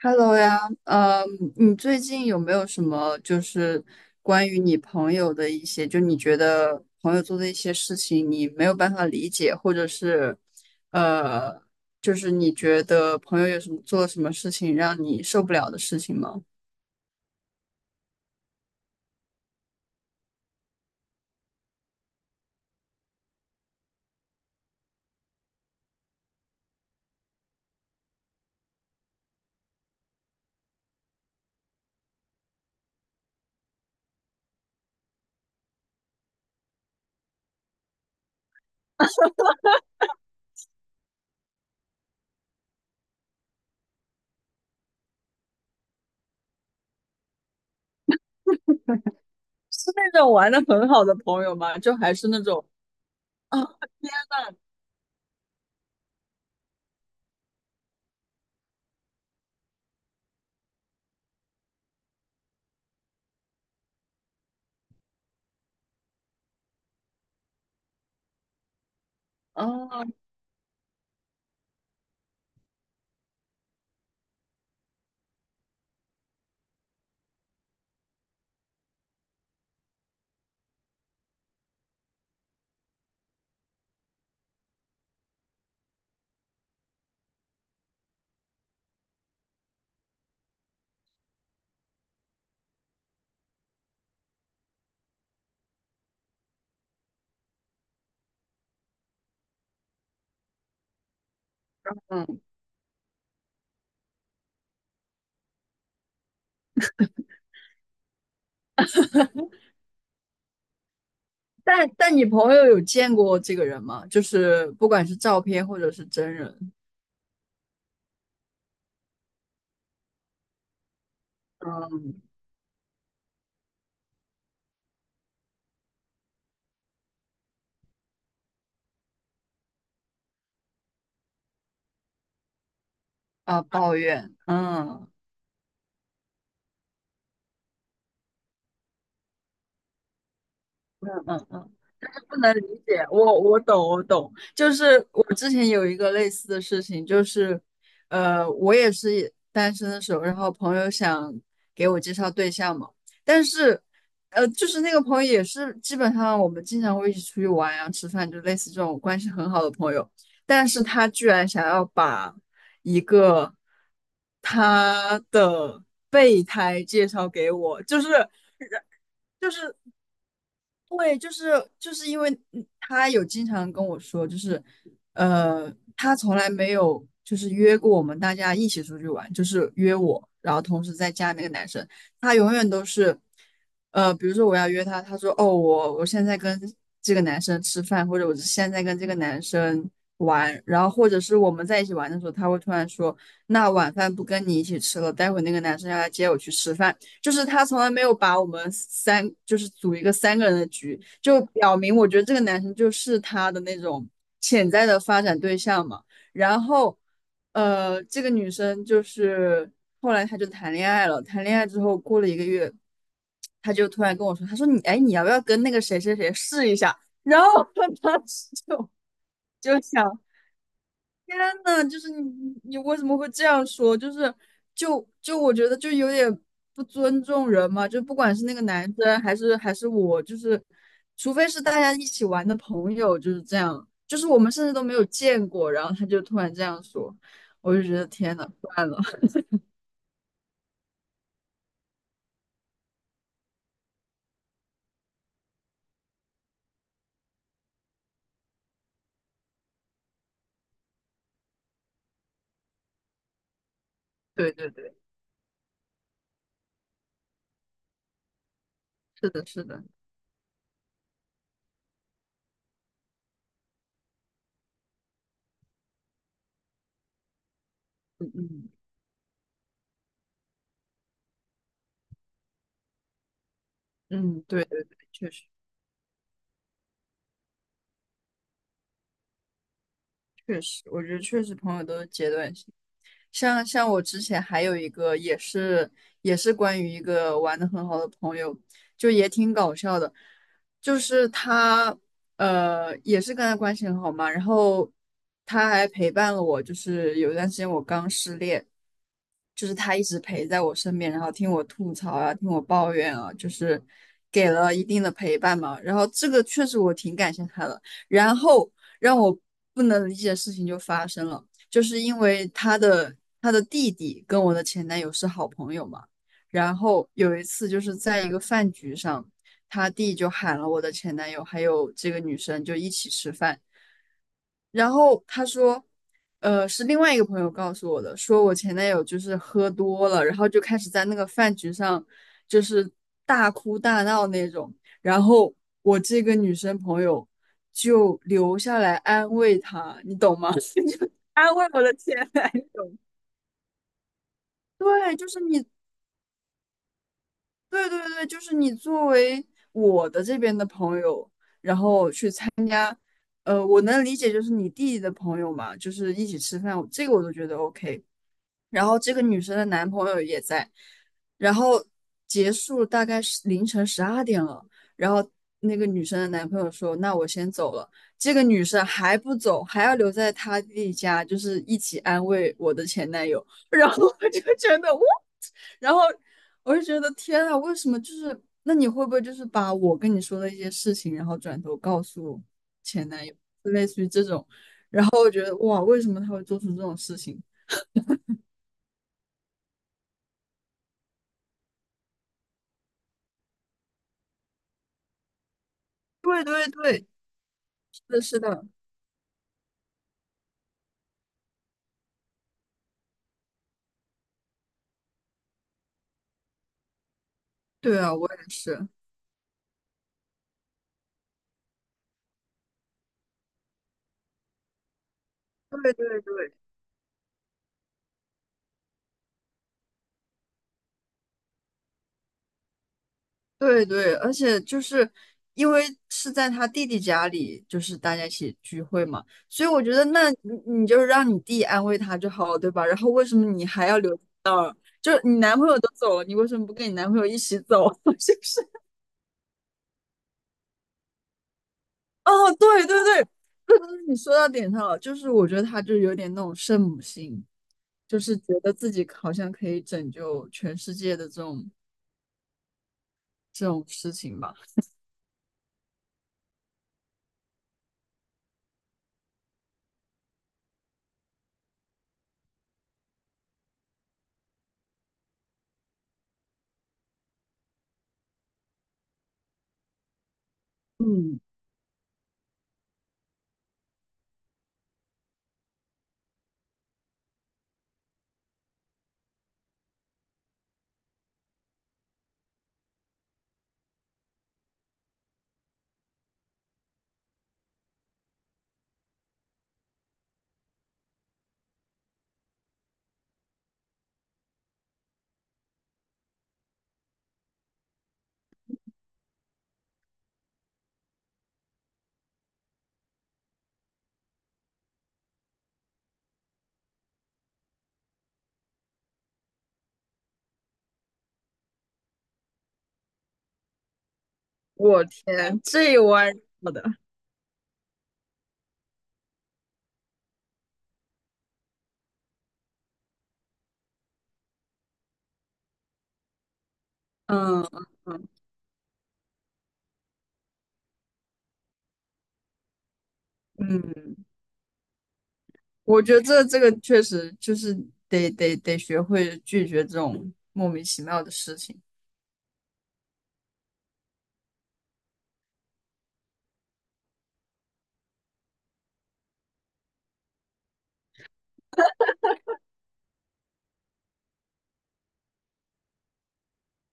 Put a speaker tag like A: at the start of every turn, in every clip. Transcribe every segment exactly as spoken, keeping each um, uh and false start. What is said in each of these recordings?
A: Hello 呀，呃，你最近有没有什么就是关于你朋友的一些，就你觉得朋友做的一些事情，你没有办法理解，或者是，呃，就是你觉得朋友有什么做了什么事情让你受不了的事情吗？是那种玩的很好的朋友吗？就还是那种啊，天呐！哦，嗯，但但你朋友有见过这个人吗？就是不管是照片或者是真人，嗯，啊，抱怨，嗯。嗯嗯嗯，不能理解，我我懂，我懂，就是我之前有一个类似的事情，就是，呃，我也是单身的时候，然后朋友想给我介绍对象嘛，但是，呃，就是那个朋友也是基本上我们经常会一起出去玩啊、吃饭，就类似这种关系很好的朋友，但是他居然想要把一个他的备胎介绍给我，就是就是。对，就是就是因为嗯他有经常跟我说，就是呃，他从来没有就是约过我们大家一起出去玩，就是约我，然后同时再加那个男生，他永远都是呃，比如说我要约他，他说哦，我我现在跟这个男生吃饭，或者我现在跟这个男生玩，然后或者是我们在一起玩的时候，他会突然说，那晚饭不跟你一起吃了，待会那个男生要来接我去吃饭。就是他从来没有把我们三就是组一个三个人的局，就表明我觉得这个男生就是他的那种潜在的发展对象嘛。然后，呃，这个女生就是后来她就谈恋爱了，谈恋爱之后过了一个月，他就突然跟我说，他说你哎你要不要跟那个谁谁谁试一下？然后 他当时就就想天呐，就是你你为什么会这样说？就是就就我觉得就有点不尊重人嘛，就不管是那个男生还是还是我，就是除非是大家一起玩的朋友，就是这样，就是我们甚至都没有见过，然后他就突然这样说，我就觉得天呐，算了，对对对，是的，是的，嗯嗯嗯，对对对，确实。确实，我觉得确实朋友都是阶段性。像像我之前还有一个也是也是关于一个玩的很好的朋友，就也挺搞笑的，就是他呃也是跟他关系很好嘛，然后他还陪伴了我，就是有一段时间我刚失恋，就是他一直陪在我身边，然后听我吐槽啊，听我抱怨啊，就是给了一定的陪伴嘛，然后这个确实我挺感谢他的。然后让我不能理解的事情就发生了，就是因为他的他的弟弟跟我的前男友是好朋友嘛，然后有一次就是在一个饭局上，他弟就喊了我的前男友还有这个女生就一起吃饭，然后他说。呃，是另外一个朋友告诉我的，说我前男友就是喝多了，然后就开始在那个饭局上就是大哭大闹那种。然后我这个女生朋友就留下来安慰他，你懂吗？就安慰我的前男友。对，就是你，对对对，就是你作为我的这边的朋友，呃，我能理解，就是你弟弟的朋友嘛，就是一起吃饭，这个我都觉得 OK。然后这个女生的男朋友也在，然后结束大概是凌晨十二点了，然后那个女生的男朋友说：“那我先走了。”这个女生还不走，还要留在她弟弟家，就是一起安慰我的前男友。然后我就觉得，哇。然后我就觉得天啊，为什么就是那你会不会就是把我跟你说的一些事情，然后转头告诉前男友，就类似于这种，然后我觉得哇，为什么他会做出这种事情？对对对，是的，是的，对啊，我也是，对对对对对，而且就是因为是在他弟弟家里，就是大家一起聚会嘛，所以我觉得那你你就让你弟安慰他就好了，对吧？然后为什么你还要留？就是你男朋友都走了，你为什么不跟你男朋友一起走？是不是？哦，对对对，对对对你说到点上了。就是我觉得他就有点那种圣母心，就是觉得自己好像可以拯救全世界的这种这种事情吧。嗯，我天，这玩意儿的，嗯嗯嗯，我觉得这这个确实就是得得得学会拒绝这种莫名其妙的事情。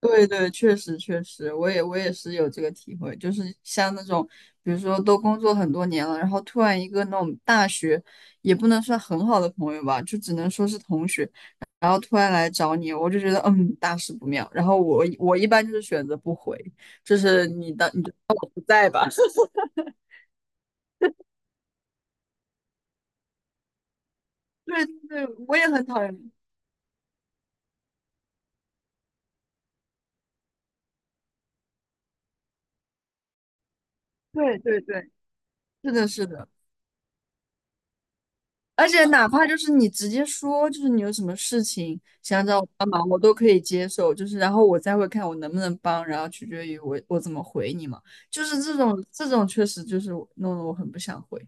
A: 对对，确实确实，我也我也是有这个体会，就是像那种，比如说都工作很多年了，然后突然一个那种大学，也不能算很好的朋友吧，就只能说是同学，然后突然来找你，我就觉得嗯，大事不妙。然后我我一般就是选择不回，就是你的你就不在吧。对对对，我也很讨厌。对对对，是的，是的。而且哪怕就是你直接说，就是你有什么事情想找我帮忙，我都可以接受。就是然后我再会看我能不能帮，然后取决于我我怎么回你嘛。就是这种这种确实就是我弄得我很不想回。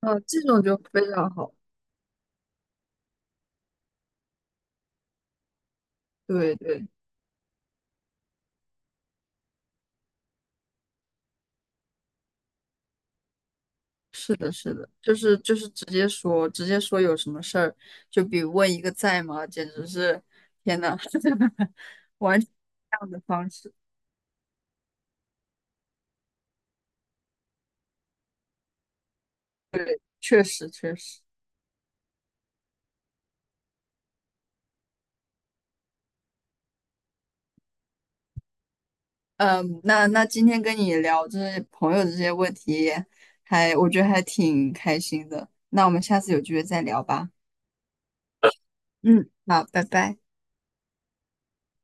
A: 嗯、这种就非常好。对对，是的，是的，就是就是直接说，直接说有什么事儿，就比问一个在吗，简直是天呐，完全不一样的方式，确实确实。嗯，那那今天跟你聊这些朋友的这些问题还，我觉得还挺开心的。那我们下次有机会再聊吧。嗯，好，拜拜。